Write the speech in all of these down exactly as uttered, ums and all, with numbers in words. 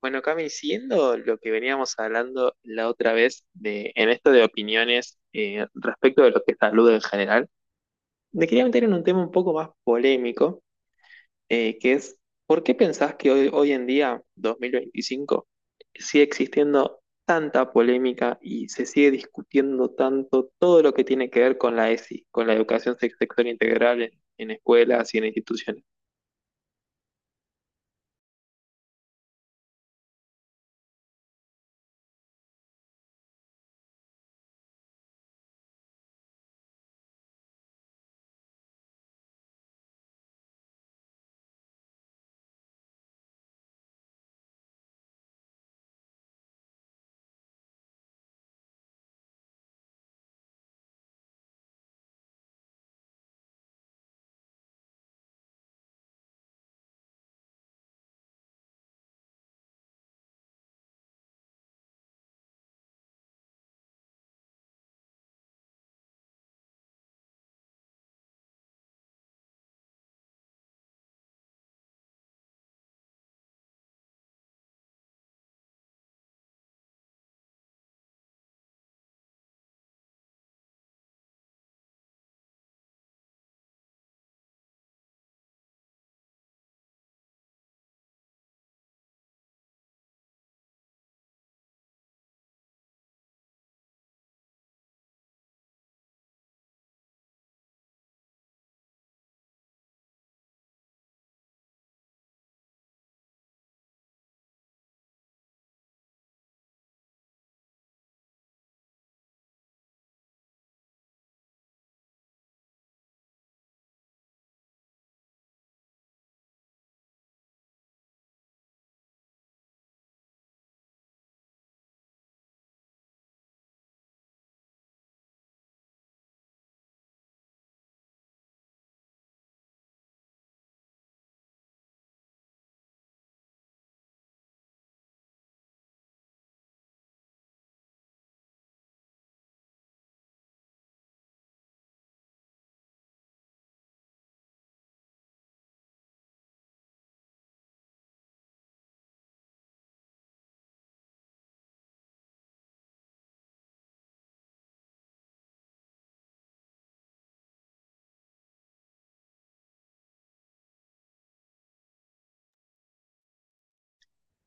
Bueno, Cami, siguiendo lo que veníamos hablando la otra vez de, en esto de opiniones eh, respecto de lo que es salud en general, me quería meter en un tema un poco más polémico, eh, que es, ¿por qué pensás que hoy, hoy en día, dos mil veinticinco, sigue existiendo tanta polémica y se sigue discutiendo tanto todo lo que tiene que ver con la E S I, con la educación sex- sexual integral en en escuelas y en instituciones?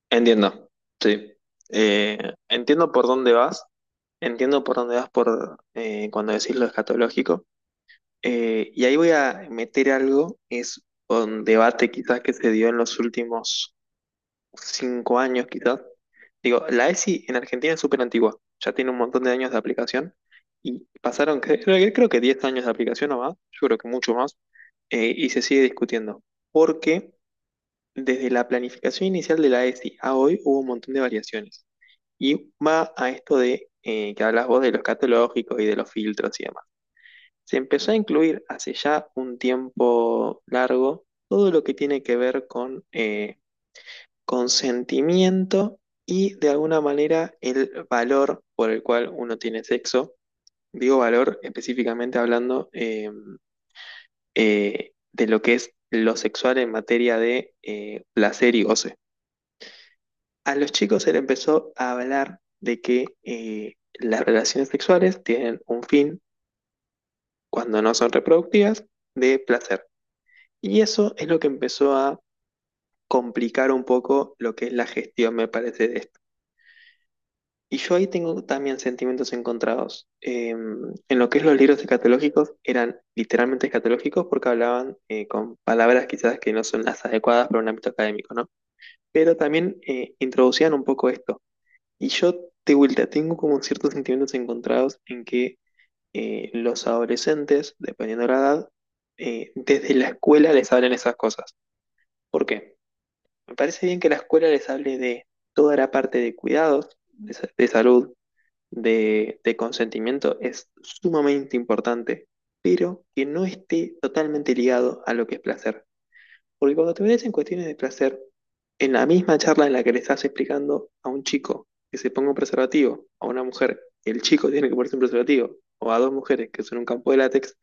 Entiendo, sí. Eh, Entiendo por dónde vas, entiendo por dónde vas por eh, cuando decís lo escatológico. Eh, y ahí voy a meter algo, es un debate quizás que se dio en los últimos cinco años quizás. Digo, la E S I en Argentina es súper antigua, ya tiene un montón de años de aplicación y pasaron, cre- creo que, creo que diez años de aplicación o más, yo creo que mucho más, eh, y se sigue discutiendo, porque desde la planificación inicial de la E S I a hoy hubo un montón de variaciones. Y va a esto de eh, que hablas vos de los catálogos y de los filtros y demás. Se empezó a incluir hace ya un tiempo largo todo lo que tiene que ver con eh, consentimiento y de alguna manera el valor por el cual uno tiene sexo. Digo valor específicamente hablando eh, eh, de lo que es lo sexual en materia de eh, placer y goce. A los chicos se le empezó a hablar de que eh, las relaciones sexuales tienen un fin, cuando no son reproductivas, de placer. Y eso es lo que empezó a complicar un poco lo que es la gestión, me parece, de esto. Y yo ahí tengo también sentimientos encontrados. Eh, en lo que es los libros escatológicos, eran literalmente escatológicos porque hablaban eh, con palabras quizás que no son las adecuadas para un ámbito académico, ¿no? Pero también eh, introducían un poco esto. Y yo, de vuelta, tengo como ciertos sentimientos encontrados en que eh, los adolescentes, dependiendo de la edad, eh, desde la escuela les hablan esas cosas. ¿Por qué? Me parece bien que la escuela les hable de toda la parte de cuidados, de, sa- de salud, de, de consentimiento, es sumamente importante, pero que no esté totalmente ligado a lo que es placer. Porque cuando te metes en cuestiones de placer, en la misma charla en la que le estás explicando a un chico que se ponga un preservativo, a una mujer, el chico tiene que ponerse un preservativo, o a dos mujeres que son un campo de látex,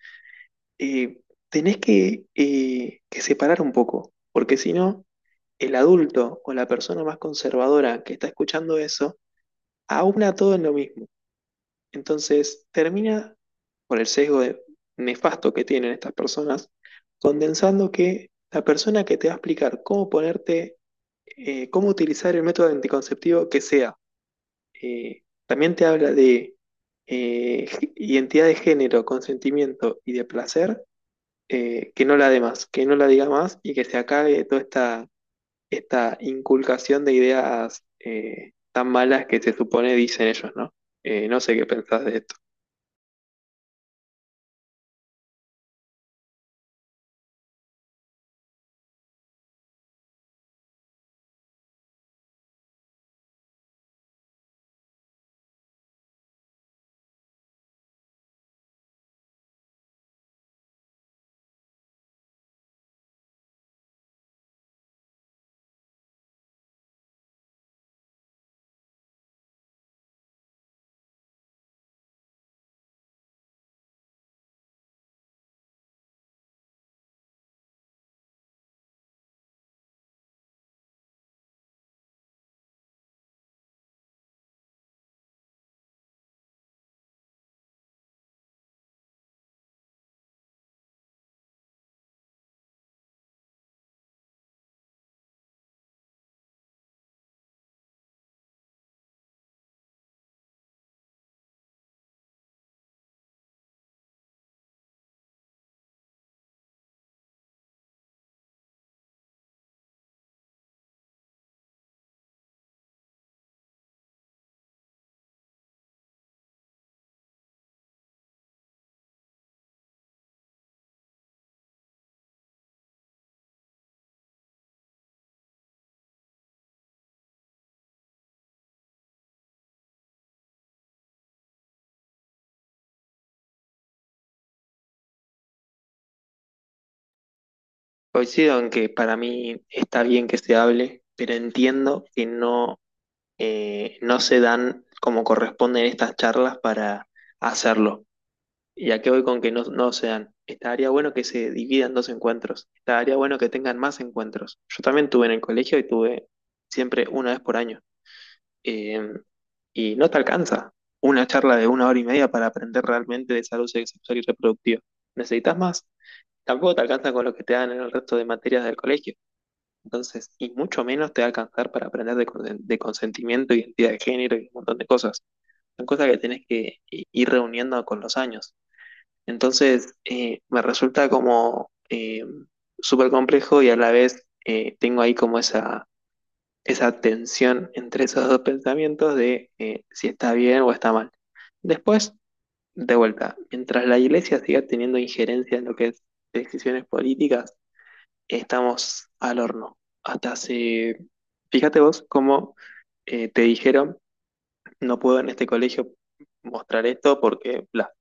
eh, tenés que, eh, que separar un poco, porque si no, el adulto o la persona más conservadora que está escuchando eso, aúna todo en lo mismo. Entonces termina, por el sesgo de- nefasto que tienen estas personas, condensando que la persona que te va a explicar cómo ponerte eh, cómo utilizar el método anticonceptivo que sea. Eh, también te habla de eh, g- identidad de género, consentimiento y de placer, eh, que no la dé más, que no la diga más y que se acabe toda esta, esta inculcación de ideas eh, tan malas que se supone dicen ellos, ¿no? Eh, no sé qué pensás de esto. Coincido en que para mí está bien que se hable, pero entiendo que no, eh, no se dan como corresponden estas charlas para hacerlo. ¿Y a qué voy con que no, no sean? Estaría bueno que se dividan dos encuentros. Estaría bueno que tengan más encuentros. Yo también tuve en el colegio y tuve siempre una vez por año. Eh, y no te alcanza una charla de una hora y media para aprender realmente de salud sexual y reproductiva. Necesitas más. Tampoco te alcanza con lo que te dan en el resto de materias del colegio. Entonces, y mucho menos te va a alcanzar para aprender de, consen- de consentimiento, identidad de género y un montón de cosas. Son cosas que tenés que i- ir reuniendo con los años. Entonces, eh, me resulta como eh, súper complejo y a la vez eh, tengo ahí como esa, esa tensión entre esos dos pensamientos de eh, si está bien o está mal. Después, de vuelta, mientras la iglesia siga teniendo injerencia en lo que es decisiones políticas, estamos al horno. Hasta hace, fíjate vos cómo eh, te dijeron, no puedo en este colegio mostrar esto porque bla.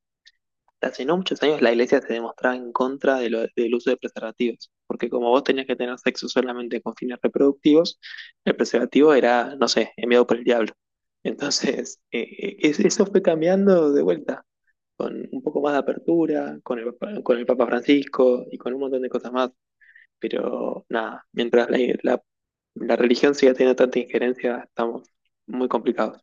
Hace no muchos años la iglesia se demostraba en contra de lo- del uso de preservativos, porque como vos tenías que tener sexo solamente con fines reproductivos, el preservativo era, no sé, enviado por el diablo. Entonces, eh, eh, es- eso fue cambiando de vuelta, con un poco más de apertura, con el, Papa- con el Papa Francisco y con un montón de cosas más. Pero nada, mientras la, la la religión siga teniendo tanta injerencia, estamos muy complicados.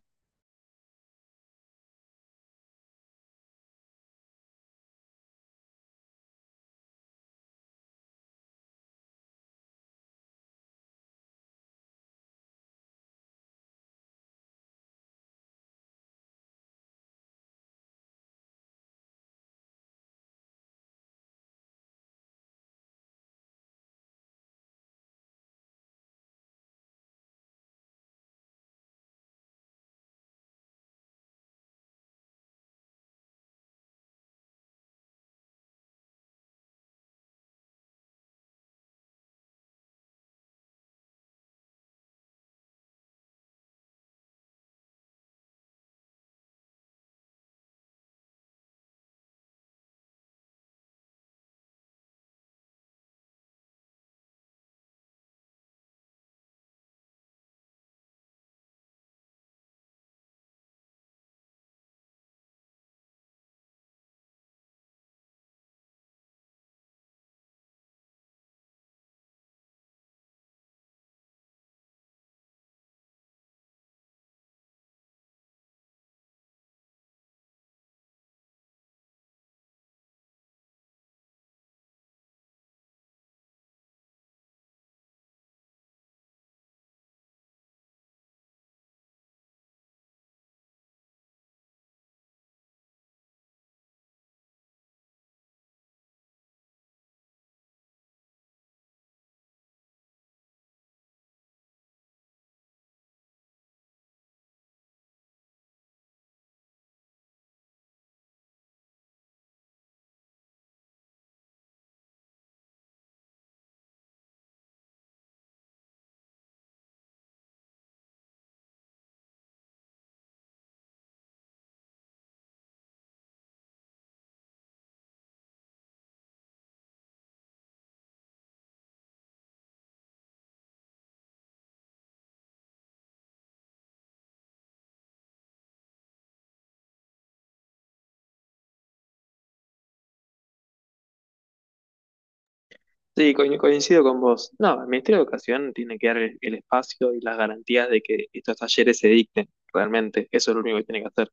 Sí, co- coincido con vos. No, el Ministerio de Educación tiene que dar el, el espacio y las garantías de que estos talleres se dicten, realmente. Eso es lo único que tiene que hacer.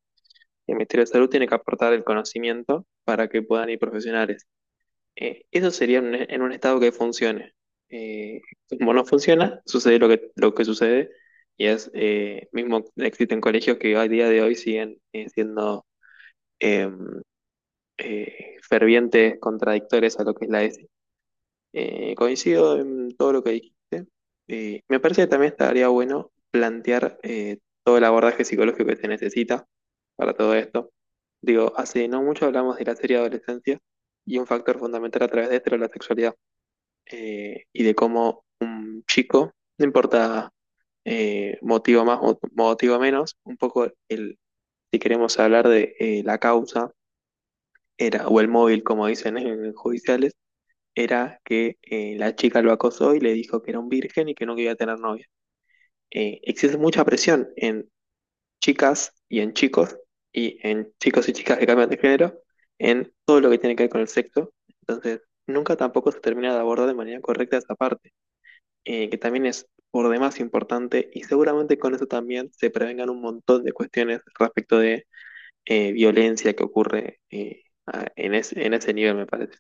El Ministerio de Salud tiene que aportar el conocimiento para que puedan ir profesionales. Eh, eso sería en, un en un estado que funcione. Eh, Como no funciona, sucede lo que, lo que sucede, y es, eh, mismo existen colegios que a día de hoy siguen eh, siendo em, eh, fervientes contradictores a lo que es la eh, coincido en todo lo que dijiste. Eh, me parece que también estaría bueno plantear eh, todo el abordaje psicológico que se necesita para todo esto. Digo, hace no mucho hablamos de la serie adolescencia y un factor fundamental a través de esto era la sexualidad eh, y de cómo un chico, no importa eh, motivo más o motivo menos, un poco el, si queremos hablar de eh, la causa era, o el móvil, como dicen en judiciales era que eh, la chica lo acosó y le dijo que era un virgen y que no quería tener novia. Eh, existe mucha presión en chicas y en chicos, y en chicos y chicas que cambian de género, en todo lo que tiene que ver con el sexo. Entonces, nunca tampoco se termina de abordar de manera correcta esa parte, eh, que también es por demás importante, y seguramente con eso también se prevengan un montón de cuestiones respecto de eh, violencia que ocurre eh, a- en ese, en ese nivel, me parece.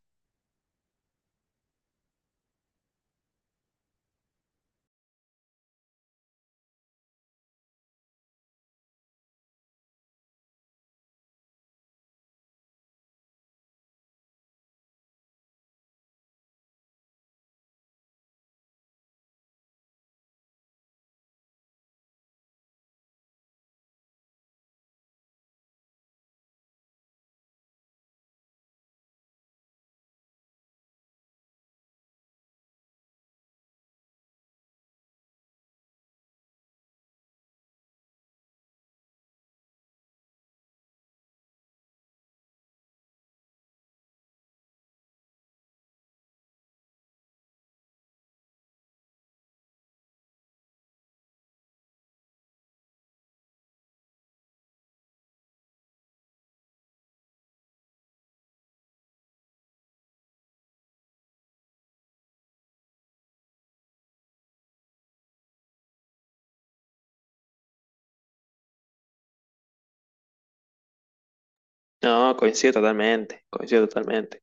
No, coincido totalmente, coincido totalmente.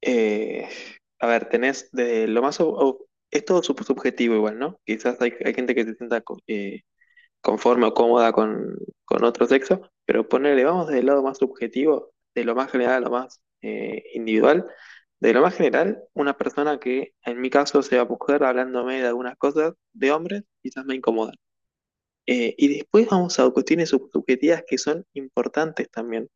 Eh, a ver, tenés de lo más... ob- ob- es todo sub- subjetivo igual, ¿no? Quizás hay, hay gente que se sienta co- eh, conforme o cómoda con, con otro sexo, pero ponele, vamos del lado más subjetivo, de lo más general a lo más eh, individual. De lo más general, una persona que en mi caso sea mujer hablándome de algunas cosas de hombres, quizás me incomoda. Eh, y después vamos a cuestiones sub- subjetivas que son importantes también.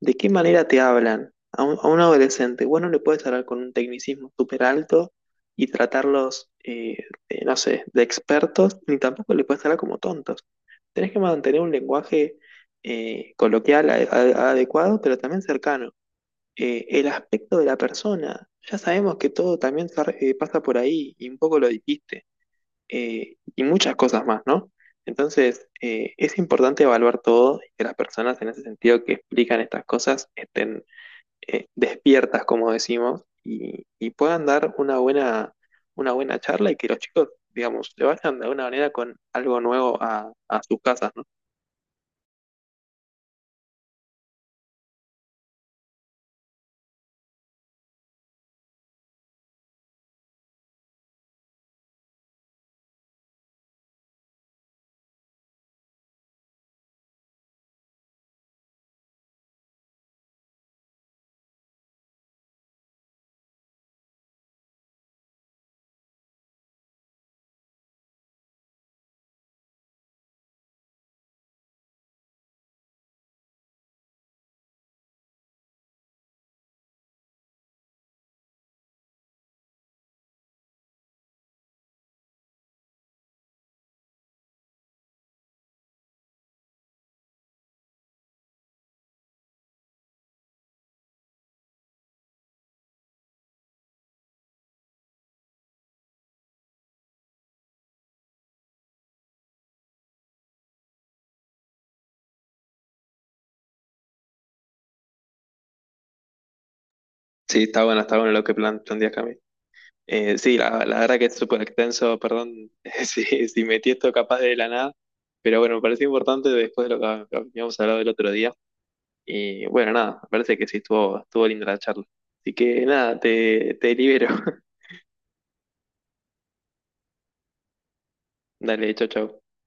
¿De qué manera te hablan a un, a un adolescente? Vos no le puedes hablar con un tecnicismo súper alto y tratarlos, eh, eh, no sé, de expertos, ni tampoco le puedes hablar como tontos. Tenés que mantener un lenguaje eh, coloquial a- a- adecuado, pero también cercano. Eh, el aspecto de la persona, ya sabemos que todo también se re- eh, pasa por ahí y un poco lo dijiste eh, y muchas cosas más, ¿no? Entonces, eh, es importante evaluar todo y que las personas en ese sentido que explican estas cosas estén eh, despiertas, como decimos, y, y puedan dar una buena, una buena charla y que los chicos, digamos, se vayan de alguna manera con algo nuevo a, a sus casas, ¿no? Sí, está bueno, está bueno lo que plan, planteas, Cami. Eh, sí, la, la verdad que es súper extenso, perdón si, si metí esto capaz de la nada, pero bueno, me pareció importante después de lo que habíamos hablado el otro día. Y bueno, nada, me parece que sí estuvo, estuvo linda la charla. Así que nada, te, te libero. Dale, chau, chau.